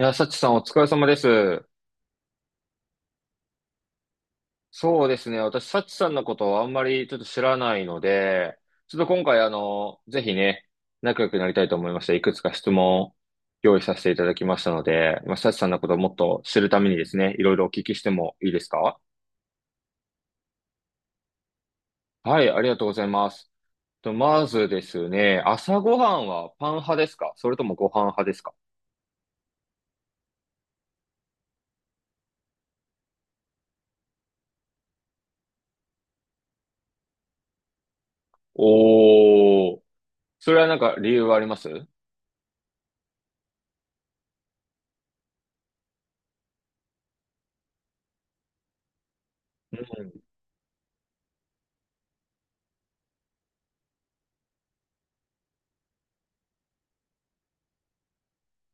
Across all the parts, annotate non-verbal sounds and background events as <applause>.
いや、サチさんお疲れ様です。そうですね。私、サチさんのことをあんまりちょっと知らないので、ちょっと今回、ぜひね、仲良くなりたいと思いまして、いくつか質問を用意させていただきましたので、まあ、サチさんのことをもっと知るためにですね、いろいろお聞きしてもいいですか？はい、ありがとうございます。と、まずですね、朝ごはんはパン派ですか、それともご飯派ですか？おー、それはなんか理由はありますうん。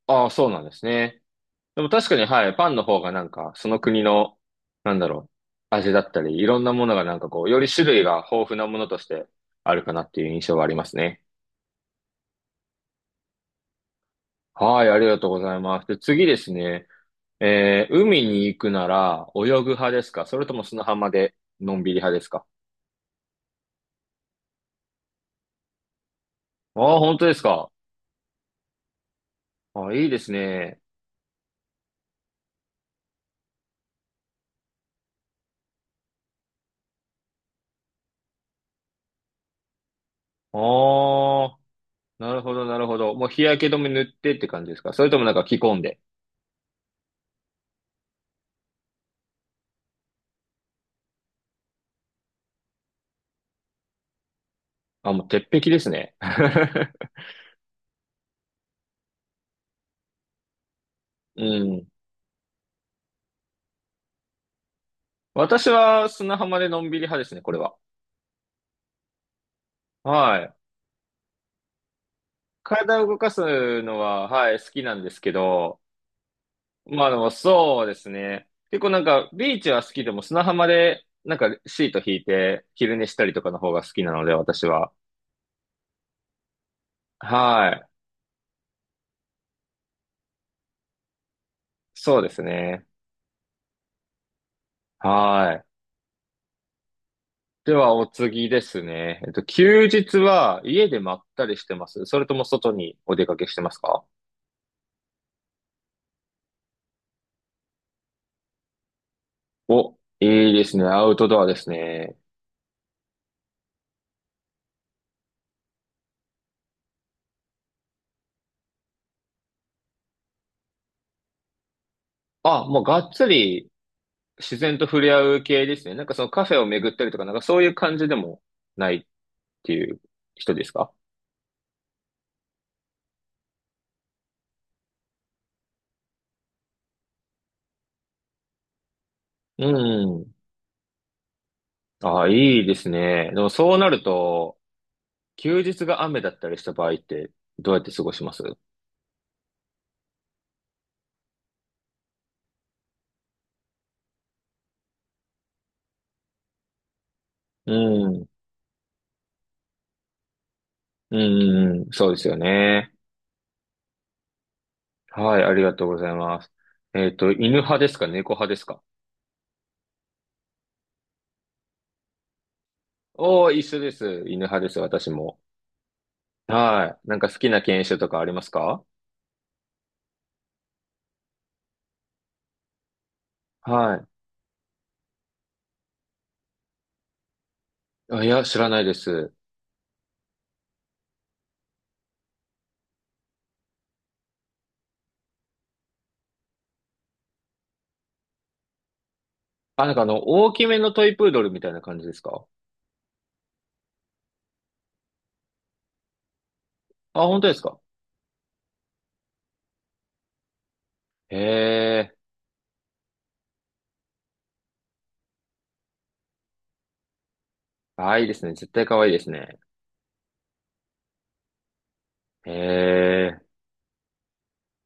ああ、そうなんですね。でも確かに、はい、パンの方がなんか、その国の、なんだろう、味だったり、いろんなものがなんかこう、より種類が豊富なものとしてあるかなっていう印象はありますね。はい、ありがとうございます。で、次ですね。えー、海に行くなら、泳ぐ派ですか、それとも砂浜で、のんびり派ですか？ああー、本当ですか？あ、いいですね。ああ、なるほど、なるほど。もう日焼け止め塗ってって感じですか、それともなんか着込んで。あ、もう鉄壁ですね。<laughs> うん。私は砂浜でのんびり派ですね、これは。はい。体を動かすのは、はい、好きなんですけど、まあでもそうですね。結構なんか、ビーチは好きでも砂浜で、なんかシート引いて昼寝したりとかの方が好きなので、私は。はい。そうですね。はい。では、お次ですね。えっと、休日は家でまったりしてますそれとも外にお出かけしてますか？お、いいですね。アウトドアですね。あ、もうがっつり自然と触れ合う系ですね。なんかそのカフェを巡ったりとか、なんかそういう感じでもないっていう人ですか？うん。ああ、いいですね。でもそうなると、休日が雨だったりした場合って、どうやって過ごしますうん。うんうんうん。そうですよね。はい、ありがとうございます。えっと、犬派ですか、猫派ですか？おー、一緒です。犬派です、私も。はい。なんか好きな犬種とかありますか？はい。あ、いや、知らないです。あ、なんかあの、大きめのトイプードルみたいな感じですか？あ、本当ですか？へえ。あ、いいですね。絶対可愛いですね。へえ。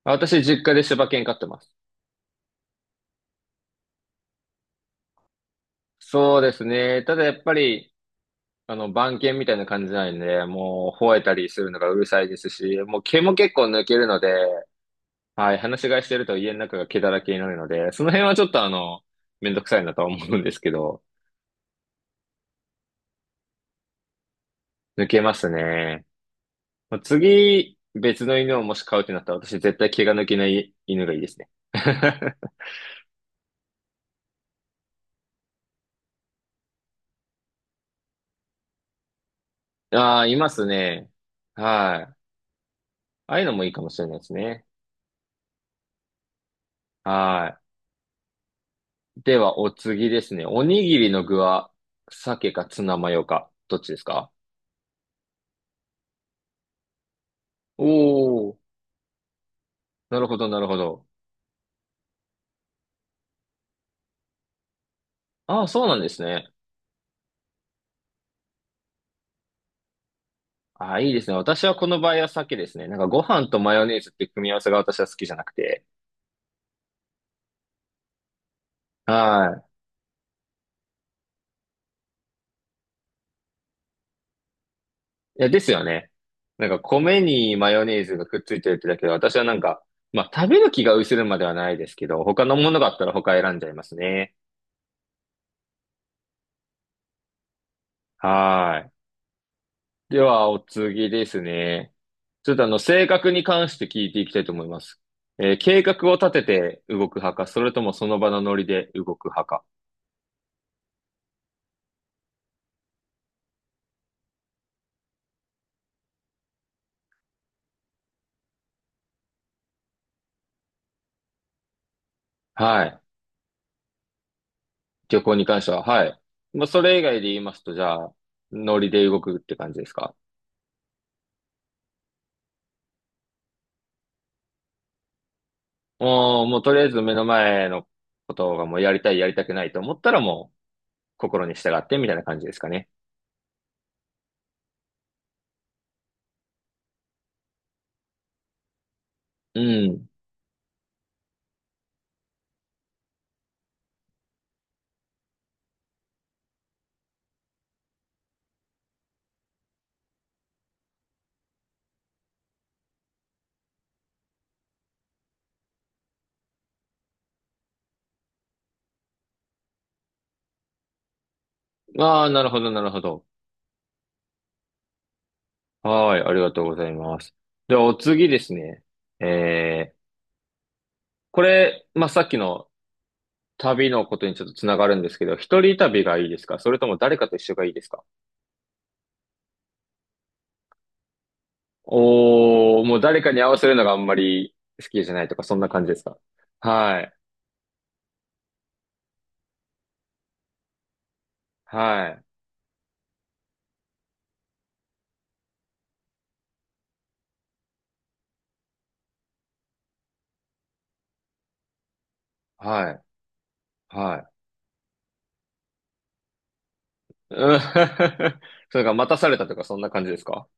私、実家で柴犬飼ってます。そうですね。ただやっぱり、あの、番犬みたいな感じなんで、もう、吠えたりするのがうるさいですし、もう毛も結構抜けるので、はい、話し飼いしてると家の中が毛だらけになるので、その辺はちょっとめんどくさいなとは思うんですけど、抜けますね。まあ次、別の犬をもし飼うってなったら、私絶対毛が抜けない犬がいいですね。<laughs> ああ、いますね。はい。ああいうのもいいかもしれないですね。はい。では、お次ですね。おにぎりの具は、鮭かツナマヨか、どっちですか？おー、なるほど、なるほど。ああ、そうなんですね。ああ、いいですね。私はこの場合は鮭ですね。なんかご飯とマヨネーズっていう組み合わせが私は好きじゃなくて。はい。いや、ですよね。なんか米にマヨネーズがくっついてるってだけで、私はなんか、まあ食べる気が薄れるまではないですけど、他のものがあったら他選んじゃいますね。はーい。では、お次ですね。ちょっと性格に関して聞いていきたいと思います。えー、計画を立てて動く派か、それともその場のノリで動く派か。はい。旅行に関しては、はい。まあ、それ以外で言いますと、じゃあ、ノリで動くって感じですか？もう、もうとりあえず目の前のことがもうやりたい、やりたくないと思ったらもう心に従ってみたいな感じですかね。うん。ああ、なるほど、なるほど。はい、ありがとうございます。では、お次ですね。えー、これ、まあ、さっきの旅のことにちょっとつながるんですけど、一人旅がいいですか、それとも誰かと一緒がいいですか？おー、もう誰かに合わせるのがあんまり好きじゃないとか、そんな感じですか？はい、はい、はい、はい。うん。 <laughs> それが待たされたとか、そんな感じですか？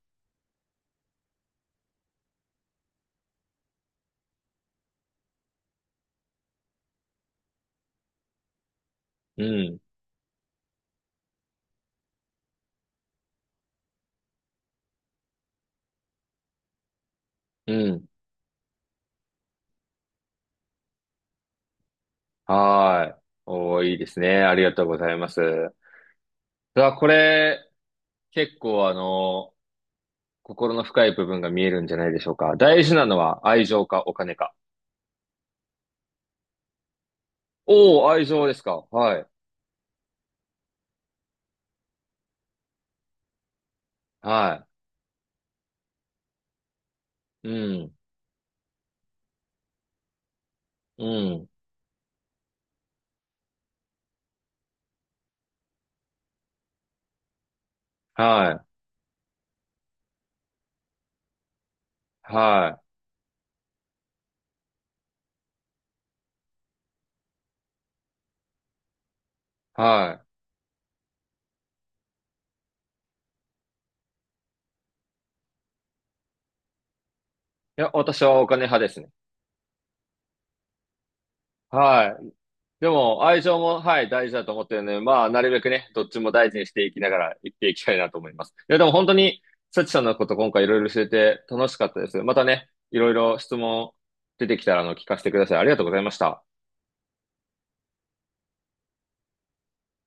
うん。うん。はーい。おー、いいですね。ありがとうございます。さあ、これ、結構心の深い部分が見えるんじゃないでしょうか。大事なのは愛情かお金か。おー、愛情ですか。はい。はい。うん。うん。はい。はい。はい。いや、私はお金派ですね。はい。でも、愛情も、はい、大事だと思ってるので、まあ、なるべくね、どっちも大事にしていきながら、生きていきたいなと思います。いや、でも本当に、サチさんのこと今回いろいろ教えて楽しかったです。またね、いろいろ質問出てきたら、聞かせてください。ありがとうございました。